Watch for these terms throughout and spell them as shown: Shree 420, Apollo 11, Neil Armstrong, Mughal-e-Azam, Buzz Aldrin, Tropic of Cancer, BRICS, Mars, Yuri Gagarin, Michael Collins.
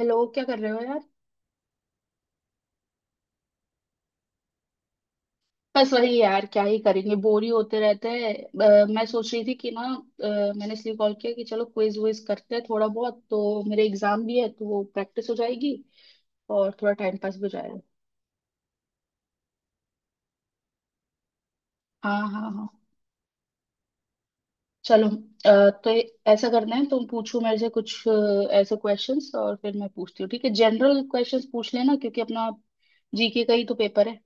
Hello, क्या कर रहे हो यार। बस वही यार, क्या ही करेंगे, बोर ही होते रहते हैं। मैं सोच रही थी कि ना। अ, मैंने इसलिए कॉल किया कि चलो क्विज विज करते हैं थोड़ा बहुत, तो मेरे एग्जाम भी है तो वो प्रैक्टिस हो जाएगी और थोड़ा टाइम पास भी हो जाएगा। हाँ, हाँ, हाँ। चलो। तो ऐसा करना है, तुम पूछो मेरे से कुछ ऐसे क्वेश्चंस और फिर मैं पूछती हूँ, ठीक है। जनरल क्वेश्चंस पूछ लेना क्योंकि अपना जीके का ही तो पेपर है।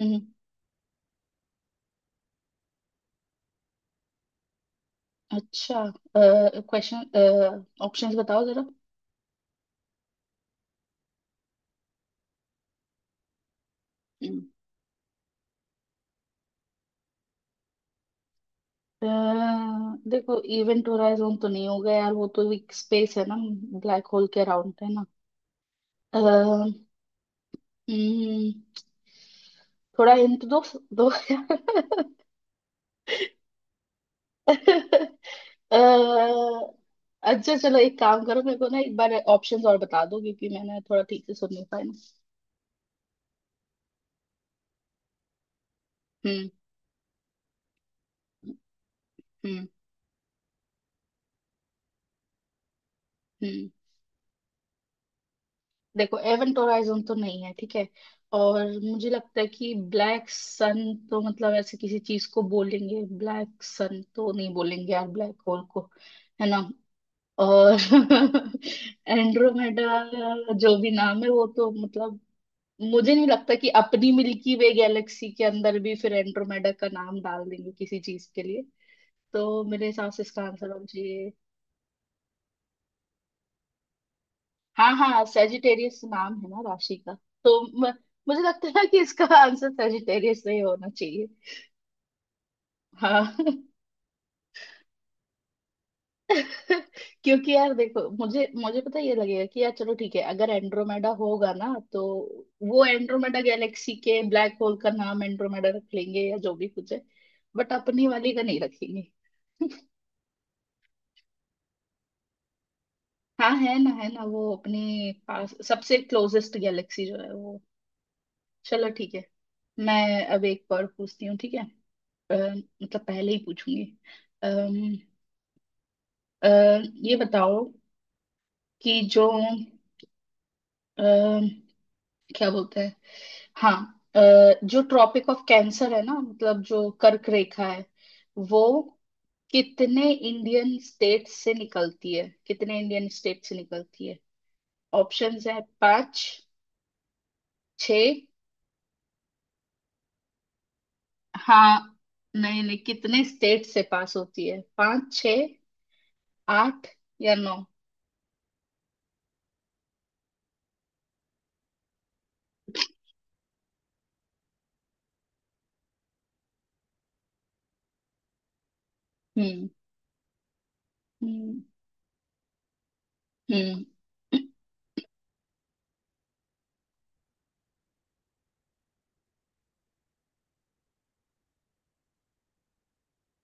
हम्म। अच्छा, क्वेश्चन ऑप्शंस बताओ जरा। हम्म। अ, देखो, इवेंट होराइजन तो नहीं होगा यार, वो तो एक स्पेस है ना, ब्लैक होल के अराउंड है ना। अ, हम्म, थोड़ा हिंट दो। दो यार। अ, अच्छा चलो, एक काम करो, मेरे को ना एक बार ऑप्शंस और बता दो क्योंकि मैंने थोड़ा ठीक से सुन नहीं पाया ना। हम्म, हम्म, हम्म। देखो, एवेंट होराइजन तो नहीं है, ठीक है। और मुझे लगता है कि ब्लैक सन, तो मतलब ऐसे किसी चीज को बोलेंगे, ब्लैक सन तो नहीं बोलेंगे यार ब्लैक होल को। है ना। और एंड्रोमेडा, जो भी नाम है वो तो मतलब, मुझे नहीं लगता कि अपनी मिल्की वे गैलेक्सी के अंदर भी फिर एंड्रोमेडा का नाम डाल देंगे किसी चीज के लिए। तो मेरे हिसाब से इसका आंसर होना चाहिए। हाँ, हाँ, सेजिटेरियस नाम है ना राशि का। तो म, मुझे लगता है कि इसका आंसर सेजिटेरियस नहीं होना चाहिए। हाँ। क्योंकि यार देखो, मुझे मुझे पता है ये लगेगा कि यार चलो ठीक है, अगर एंड्रोमेडा होगा ना तो वो एंड्रोमेडा गैलेक्सी के ब्लैक होल का नाम एंड्रोमेडा रख लेंगे या जो भी कुछ है, बट अपनी वाली का नहीं रखेंगे। हाँ, है ना, है ना, वो अपने पास सबसे क्लोजेस्ट गैलेक्सी जो है वो। चलो ठीक है। मैं अब एक और पूछती हूँ, ठीक है। अ, मतलब पहले ही पूछूंगी। अम्म अ, ये बताओ कि जो क्या बोलते हैं, हाँ, अ, जो ट्रॉपिक ऑफ कैंसर है ना, मतलब जो कर्क रेखा है, वो कितने इंडियन स्टेट से निकलती है, कितने इंडियन स्टेट से निकलती है? ऑप्शंस है, पांच, छ। हाँ, नहीं नहीं, कितने स्टेट से पास होती है, पांच, छ, आठ या नौ? हम्म, हम्म, हम्म।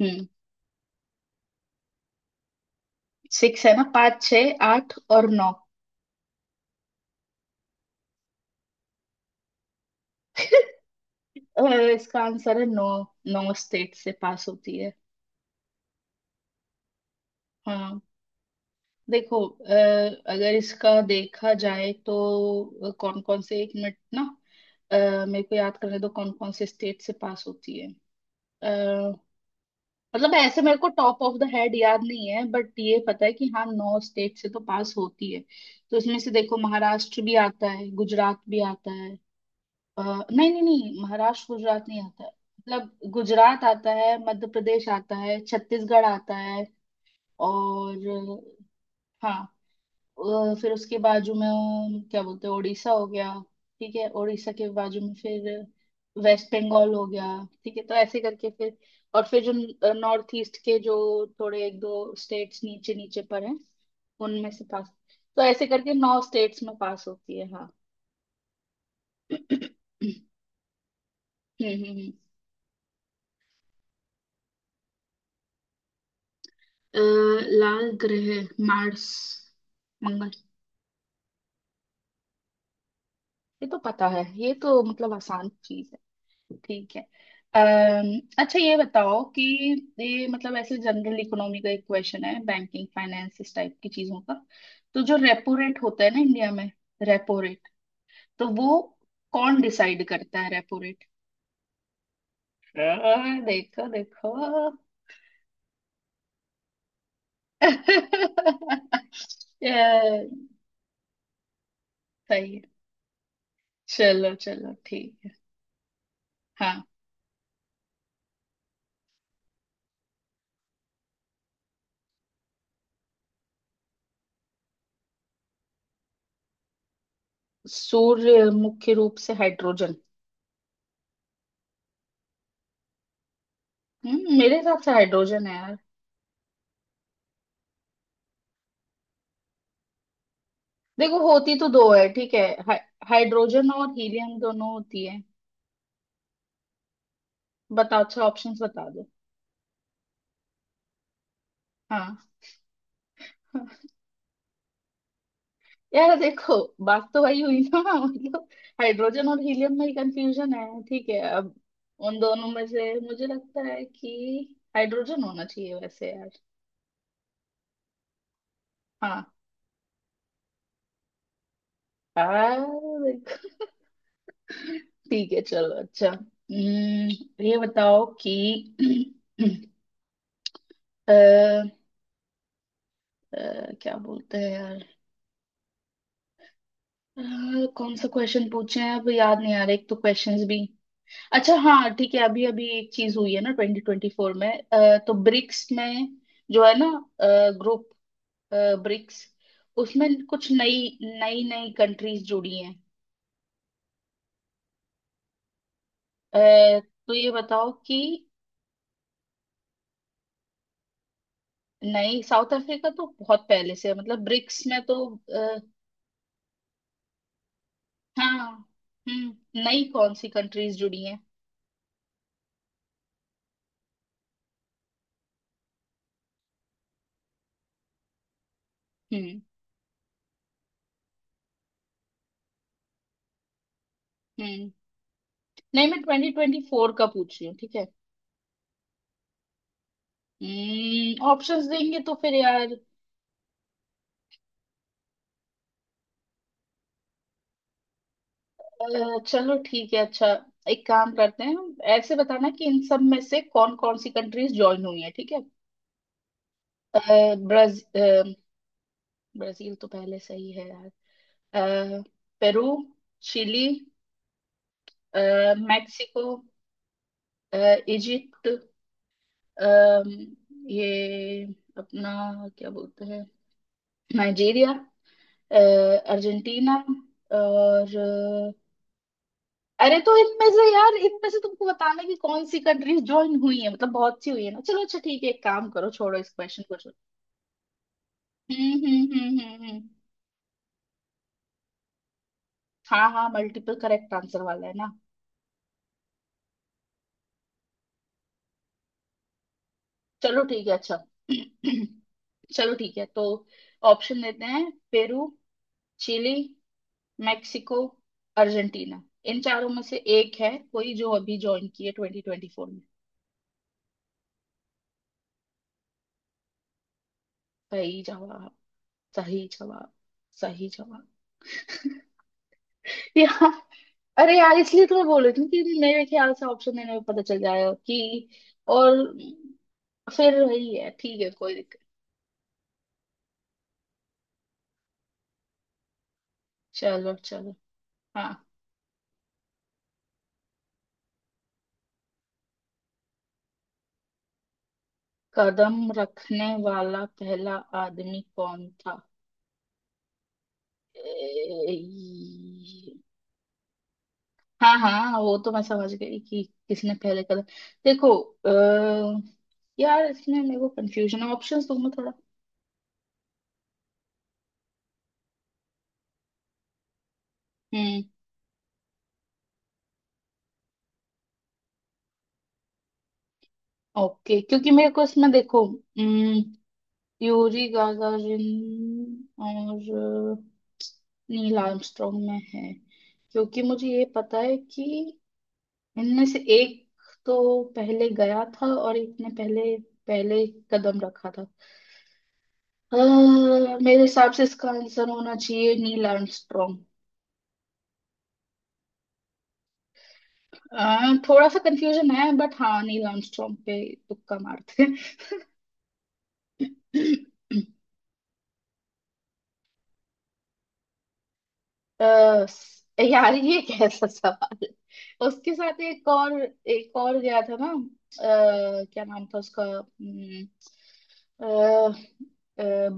हम्म। सिक्स है ना, पाँच, छः, आठ और नौ। अ, इसका आंसर है नौ। नौ स्टेट से पास होती है। हाँ, देखो, अगर इसका देखा जाए तो कौन कौन से, एक मिनट ना। अ, मेरे को याद करने दो कौन कौन से स्टेट से पास होती है। अ, मतलब ऐसे मेरे को टॉप ऑफ द हेड याद नहीं है, बट ये पता है कि हाँ, नौ स्टेट से तो पास होती है। तो इसमें से देखो, महाराष्ट्र भी आता है, गुजरात भी आता है। नहीं, नहीं, नहीं, महाराष्ट्र गुजरात नहीं आता है। मतलब गुजरात आता है, मध्य प्रदेश आता है, छत्तीसगढ़ आता है और हाँ, फिर उसके बाजू में क्या बोलते हैं, उड़ीसा हो गया। ठीक है, उड़ीसा के बाजू में फिर वेस्ट बंगाल हो गया। ठीक है, तो ऐसे करके फिर और फिर जो नॉर्थ ईस्ट के जो थोड़े एक दो स्टेट्स नीचे नीचे पर हैं, उनमें से पास। तो ऐसे करके नौ स्टेट्स में पास होती है, हाँ। हम्म, हम्म, हम्म। लाल ग्रह, मार्स, मंगल। ये तो पता है, ये तो मतलब आसान चीज है। ठीक है। अच्छा, ये बताओ कि ये मतलब ऐसे जनरल इकोनॉमी का एक क्वेश्चन है, बैंकिंग, फाइनेंस, इस टाइप की चीजों का। तो जो रेपो रेट होता है ना इंडिया में, रेपो रेट, तो वो कौन डिसाइड करता है रेपो रेट? देखो, देखो। अ, सही है। चलो, चलो, ठीक है। हाँ, सूर्य मुख्य रूप से हाइड्रोजन। हम्म, मेरे हिसाब से हाइड्रोजन है यार। देखो, होती तो दो है, ठीक है। हाइ- हाइड्रोजन और हीलियम दोनों होती है। बताओ, अच्छा ऑप्शंस बता दो। हाँ। यार देखो, बात तो वही हुई ना। मतलब हाइड्रोजन और हीलियम में कंफ्यूजन है, ठीक है। अब उन दोनों में से मुझे लगता है कि हाइड्रोजन होना चाहिए वैसे यार। हाँ। यार देखो। ठीक है, चलो अच्छा। ये बताओ कि अ, क्या बोलते हैं यार, अ, कौन सा क्वेश्चन पूछे हैं अब याद नहीं आ रहा, एक तो क्वेश्चंस भी। अच्छा हाँ ठीक है, अभी अभी एक चीज हुई है ना 2024 में। तो ब्रिक्स में, जो है ना, ग्रुप, ब्रिक्स, उसमें कुछ नई नई नई कंट्रीज जुड़ी हैं। अ, तो ये बताओ कि नई, साउथ अफ्रीका तो बहुत पहले से है मतलब ब्रिक्स में तो। आ, हाँ। हम्म, नई कौन सी कंट्रीज जुड़ी हैं? हम्म, हम्म। नहीं, मैं 2024 का पूछ रही हूँ, ठीक है। ऑप्शंस देंगे तो फिर यार। चलो ठीक है, अच्छा एक काम करते हैं। ऐसे बताना कि इन सब में से कौन कौन सी कंट्रीज ज्वाइन हुई है, ठीक है। अ, ब्राज अ, ब्राजील तो पहले से ही है यार। अ, पेरू, चिली, अ, मेक्सिको, अ, इजिप्ट, अम, ये अपना क्या बोलते हैं, नाइजीरिया, अ, अर्जेंटीना और अरे, तो इनमें से यार, इनमें से तुमको बताना है कि कौन सी कंट्रीज ज्वाइन हुई है, मतलब बहुत सी हुई है ना। चलो अच्छा ठीक है, एक काम करो, छोड़ो इस क्वेश्चन को, छोड़ो। हम्म, हम्म, हम्म, हम्म, हाँ, हाँ, मल्टीपल करेक्ट आंसर वाला है ना। चलो ठीक है अच्छा। चलो ठीक है, तो ऑप्शन देते हैं, पेरू, चिली, मेक्सिको, अर्जेंटीना। इन चारों में से एक है कोई जो अभी ज्वाइन की है 2024 में। सही जवाब, सही जवाब, सही जवाब। यार, अरे यार, इसलिए तो मैं बोल रही थी कि मेरे ख्याल से ऑप्शन देने में पता चल जाएगा कि, और फिर वही है, ठीक है, कोई दिक्कत। चलो, चलो। हाँ। कदम रखने वाला पहला आदमी कौन था? ए- हाँ, हाँ, वो तो मैं समझ गई कि किसने पहले कदम। देखो, अ, यार इसमें मेरे को कंफ्यूजन है, ऑप्शंस दो मैं थोड़ा। हम्म। ओके, क्योंकि मेरे को इसमें देखो, हम्म, यूरी गागारिन और नील आर्मस्ट्रॉन्ग में है। क्योंकि मुझे ये पता है कि इनमें से एक तो पहले गया था और एक ने पहले पहले कदम रखा था। मेरे हिसाब से इसका आंसर होना चाहिए नील आर्मस्ट्रॉन्ग। थोड़ा सा कंफ्यूजन है, बट हाँ, नील आर्मस्ट्रॉन्ग पे तुक्का मारते हैं। अ, यार ये कैसा सवाल है? उसके साथ एक और गया था ना, क्या नाम था उसका?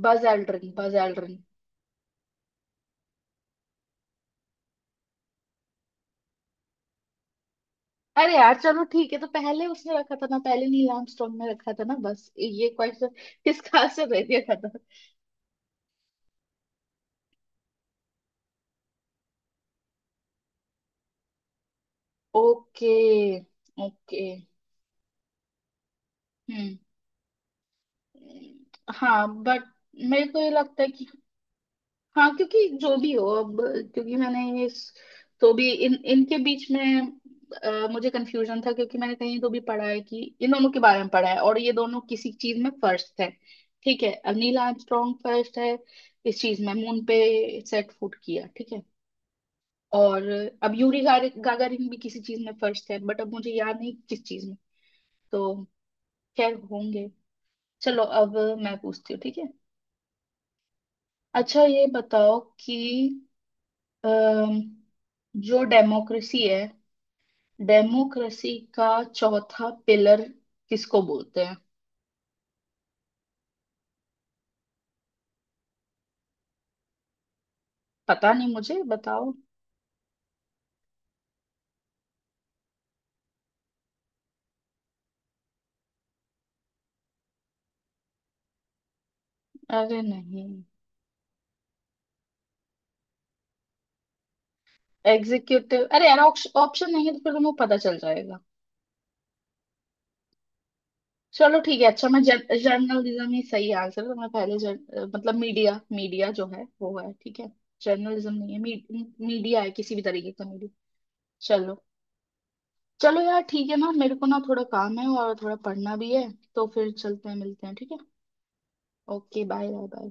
Buzz Aldrin, Buzz Aldrin. अरे यार, चलो ठीक है, तो पहले उसने रखा था ना, पहले नील आर्मस्ट्रॉन्ग ने रखा था ना, बस ये क्वेश्चन इसका आंसर दे दिया था ना। Okay, okay. हम्म, हाँ बट मेरे को ये लगता है कि, हाँ, क्योंकि जो भी हो अब, क्योंकि मैंने इस तो भी इन इनके बीच में मुझे कंफ्यूजन था क्योंकि मैंने कहीं तो भी पढ़ा है, कि इन दोनों के बारे में पढ़ा है, और ये दोनों किसी चीज में फर्स्ट है। ठीक है, अब नील आर्मस्ट्रॉन्ग फर्स्ट है इस चीज में, मून पे सेट फुट किया, ठीक है। और अब यूरी गागारिन भी किसी चीज में फर्स्ट है, बट अब मुझे याद नहीं किस चीज में। तो खैर होंगे। चलो अब, मैं पूछती हूँ, ठीक है। अच्छा, ये बताओ कि अम, जो डेमोक्रेसी है, डेमोक्रेसी का चौथा पिलर किसको बोलते हैं? पता नहीं, मुझे बताओ। अरे नहीं, एग्जीक्यूटिव। अरे यार, ऑप्शन नहीं है तो फिर तुम्हें पता चल जाएगा। चलो ठीक है, अच्छा मैं, जर्नलिज्म ही सही आंसर है तो मैं पहले मतलब मीडिया, मीडिया जो है वो है, ठीक है। जर्नलिज्म नहीं है। मीडिया है, किसी भी तरीके का मीडिया। चलो, चलो यार, ठीक है ना, मेरे को ना थोड़ा काम है और थोड़ा पढ़ना भी है, तो फिर चलते हैं, मिलते हैं, ठीक है। Okay, bye, bye, bye.